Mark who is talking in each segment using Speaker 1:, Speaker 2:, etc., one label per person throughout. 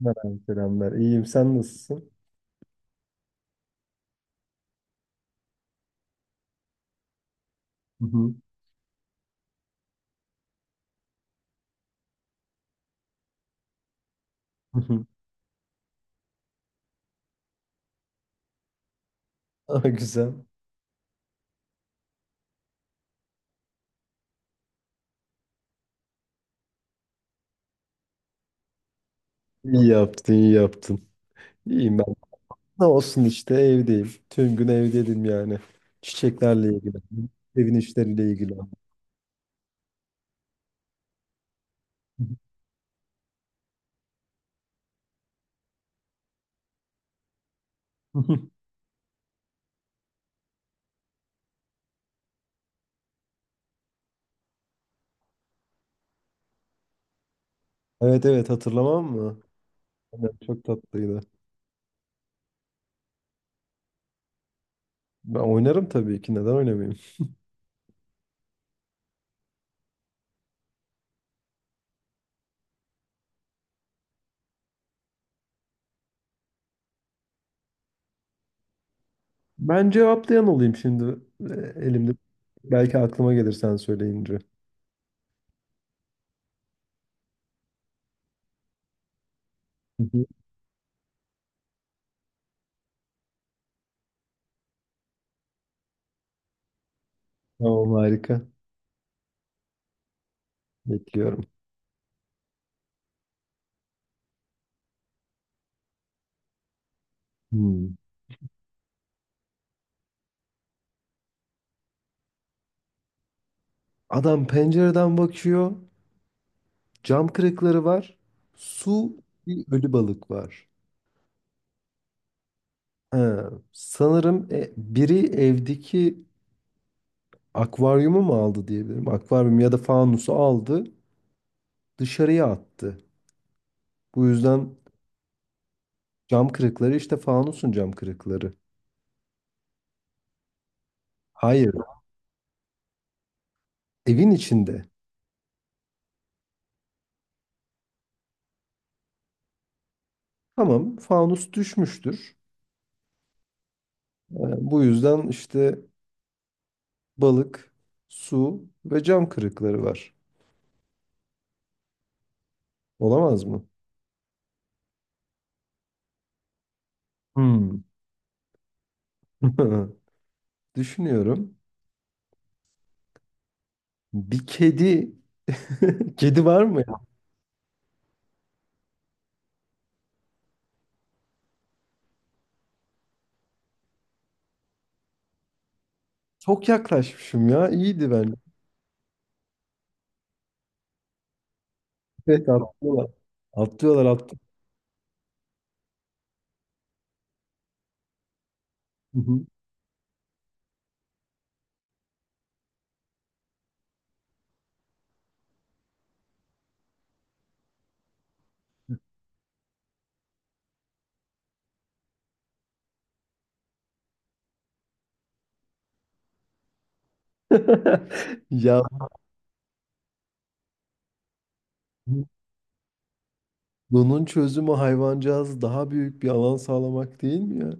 Speaker 1: Merhaba, selamlar. İyiyim, sen nasılsın? Hı hı. Hı hı. Aa, güzel. İyi yaptın, iyi yaptın. İyiyim ben. Ne olsun işte evdeyim. Tüm gün evdeydim yani. Çiçeklerle ilgilendim. Evin işleriyle ilgilendim. Hı hı. Evet evet hatırlamam mı? Aynen, çok tatlıydı. Ben oynarım tabii ki. Neden oynamayayım? Ben cevaplayan olayım şimdi e, elimde. Belki aklıma gelir sen söyleyince. Hı hı. Tamam harika. Bekliyorum. Hmm. Adam pencereden bakıyor. Cam kırıkları var. Su bir ölü balık var. Ha, sanırım biri evdeki akvaryumu mu aldı diyebilirim. Akvaryum ya da fanusu aldı, dışarıya attı. Bu yüzden cam kırıkları işte fanusun cam kırıkları. Hayır, evin içinde. Tamam, fanus düşmüştür. E, bu yüzden işte balık, su ve cam kırıkları var. Olamaz mı? Hmm. Düşünüyorum. Bir kedi Kedi var mı ya? Çok yaklaşmışım ya. İyiydi bence. Evet atlıyorlar. Atlıyorlar atlıyorlar. Hı hı. Ya bunun çözümü hayvancağız daha büyük bir alan sağlamak değil mi ya?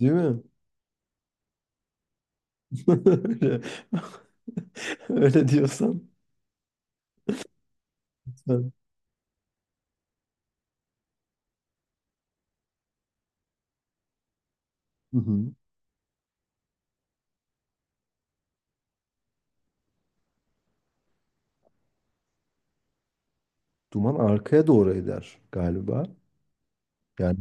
Speaker 1: Değil mi? Öyle, öyle diyorsan. Sen. Hı hı. Duman arkaya doğru eder galiba. Yani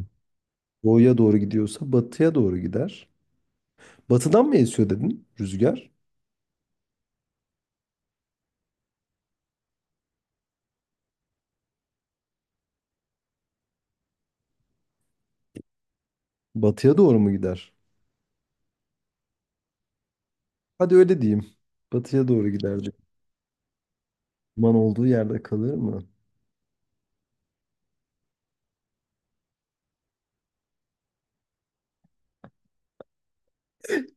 Speaker 1: doğuya doğru gidiyorsa batıya doğru gider. Batıdan mı esiyor dedin rüzgar? Batıya doğru mu gider? Hadi öyle diyeyim. Batıya doğru gider. Duman olduğu yerde kalır mı?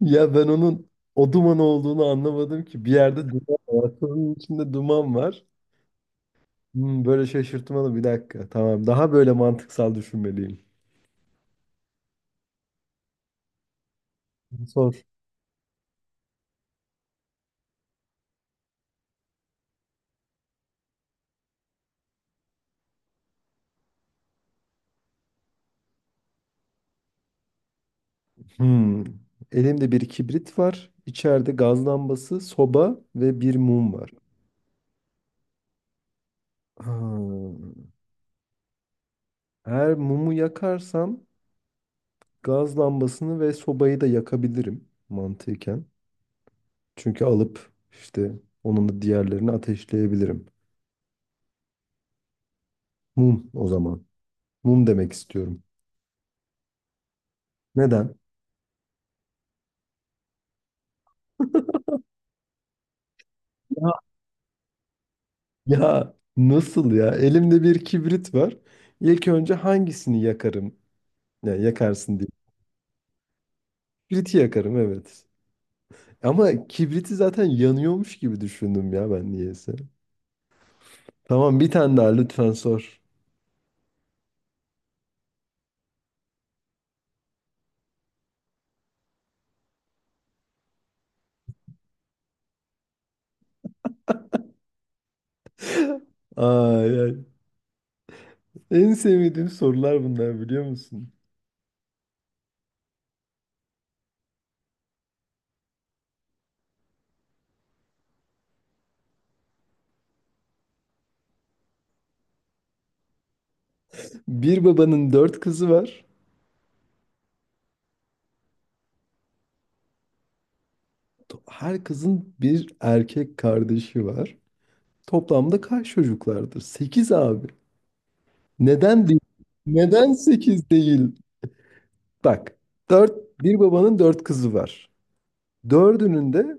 Speaker 1: Ya ben onun o duman olduğunu anlamadım ki. Bir yerde duman var. Sorunun içinde duman var. Hmm, böyle şaşırtmalı bir dakika. Tamam. Daha böyle mantıksal düşünmeliyim. Sor. Hmm. Elimde bir kibrit var. İçeride gaz lambası, soba ve bir mum var. Ha. Eğer mumu yakarsam gaz lambasını ve sobayı da yakabilirim mantıken. Çünkü alıp işte onun da diğerlerini ateşleyebilirim. Mum o zaman. Mum demek istiyorum. Neden? Ya, ya nasıl ya? Elimde bir kibrit var. İlk önce hangisini yakarım? Ya yakarsın diye. Kibriti yakarım evet. Ama kibriti zaten yanıyormuş gibi düşündüm ya ben niyeyse. Tamam bir tane daha lütfen sor. Ay, ay. En sevmediğim sorular bunlar biliyor musun? Bir babanın dört kızı var. Her kızın bir erkek kardeşi var. Toplamda kaç çocuklardır? Sekiz abi. Neden değil? Neden 8 değil? Bak, bir babanın 4 kızı var. Dördünün de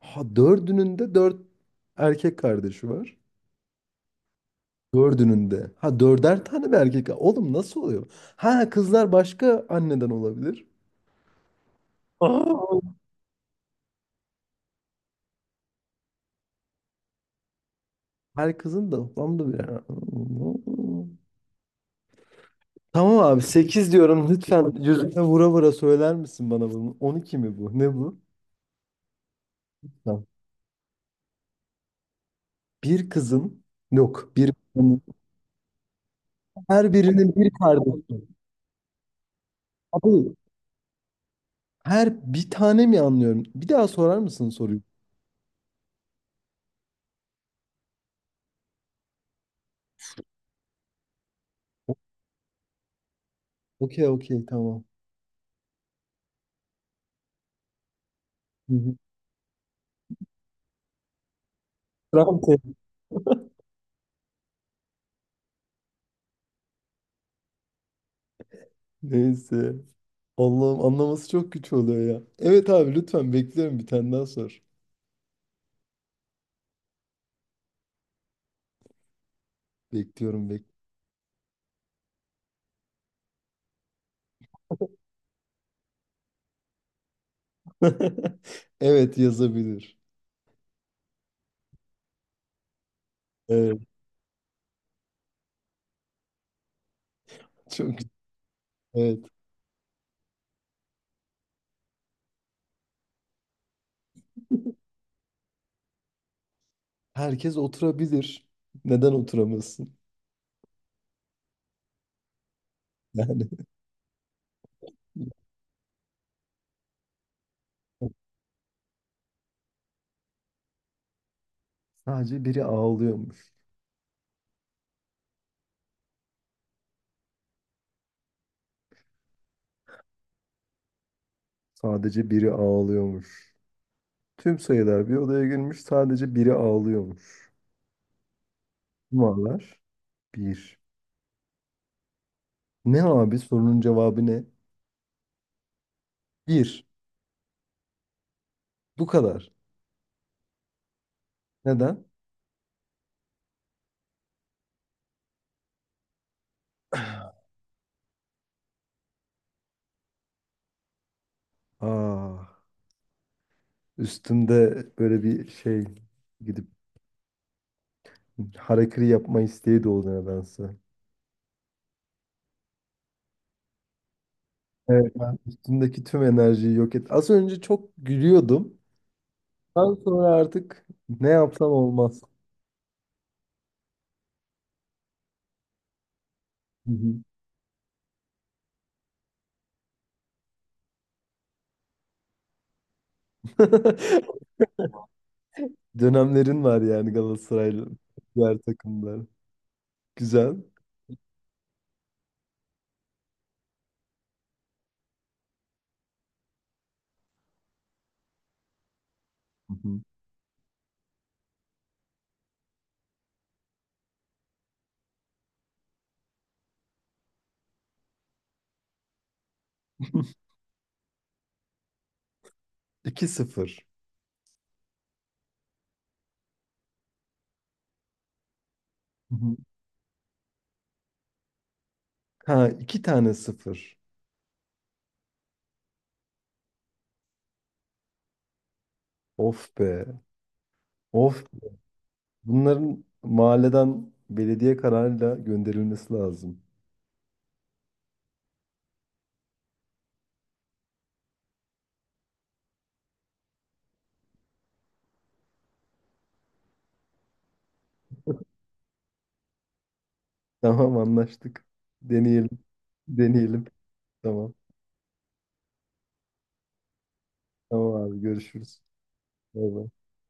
Speaker 1: ha dördünün de dört erkek kardeşi var. Dördünün de. Ha dörder tane mi erkek? Oğlum nasıl oluyor? Ha kızlar başka anneden olabilir. Aa, her kızın da toplamda bir. Tamam abi 8 diyorum lütfen yüzüme vura vura söyler misin bana bunu? 12 mi bu? Ne bu? Tamam. Bir kızın yok bir. Her birinin bir kardeşi. Abi her bir tane mi anlıyorum? Bir daha sorar mısın soruyu? O- Okey okey tamam. Hı hı. Tamam, Neyse. Allah'ım anlaması çok güç oluyor ya. Evet abi lütfen bekliyorum bir tane daha sor. Bekliyorum. Evet yazabilir. Evet çok güzel. Evet. Herkes oturabilir. Neden oturamasın? Yani. Sadece biri ağlıyormuş. Sadece biri ağlıyormuş. Tüm sayılar bir odaya girmiş. Sadece biri ağlıyormuş. Numaralar bir. Ne abi sorunun cevabı ne? Bir. Bu kadar. Neden? Aa, üstümde böyle bir şey gidip harakiri yapma isteği doğdu nedense. Evet. Ben üstümdeki tüm enerjiyi yok et. Az önce çok gülüyordum. Daha sonra artık ne yapsam olmaz. Hı hı. Dönemlerin var yani Galatasaraylı diğer takımlar. Güzel. Hı hı. 2 sıfır. Hı hı. Ha iki tane sıfır. Of be. Of. Bunların mahalleden belediye kararıyla gönderilmesi lazım. Tamam anlaştık. Deneyelim. Deneyelim. Tamam. Tamam abi görüşürüz. Bay bay.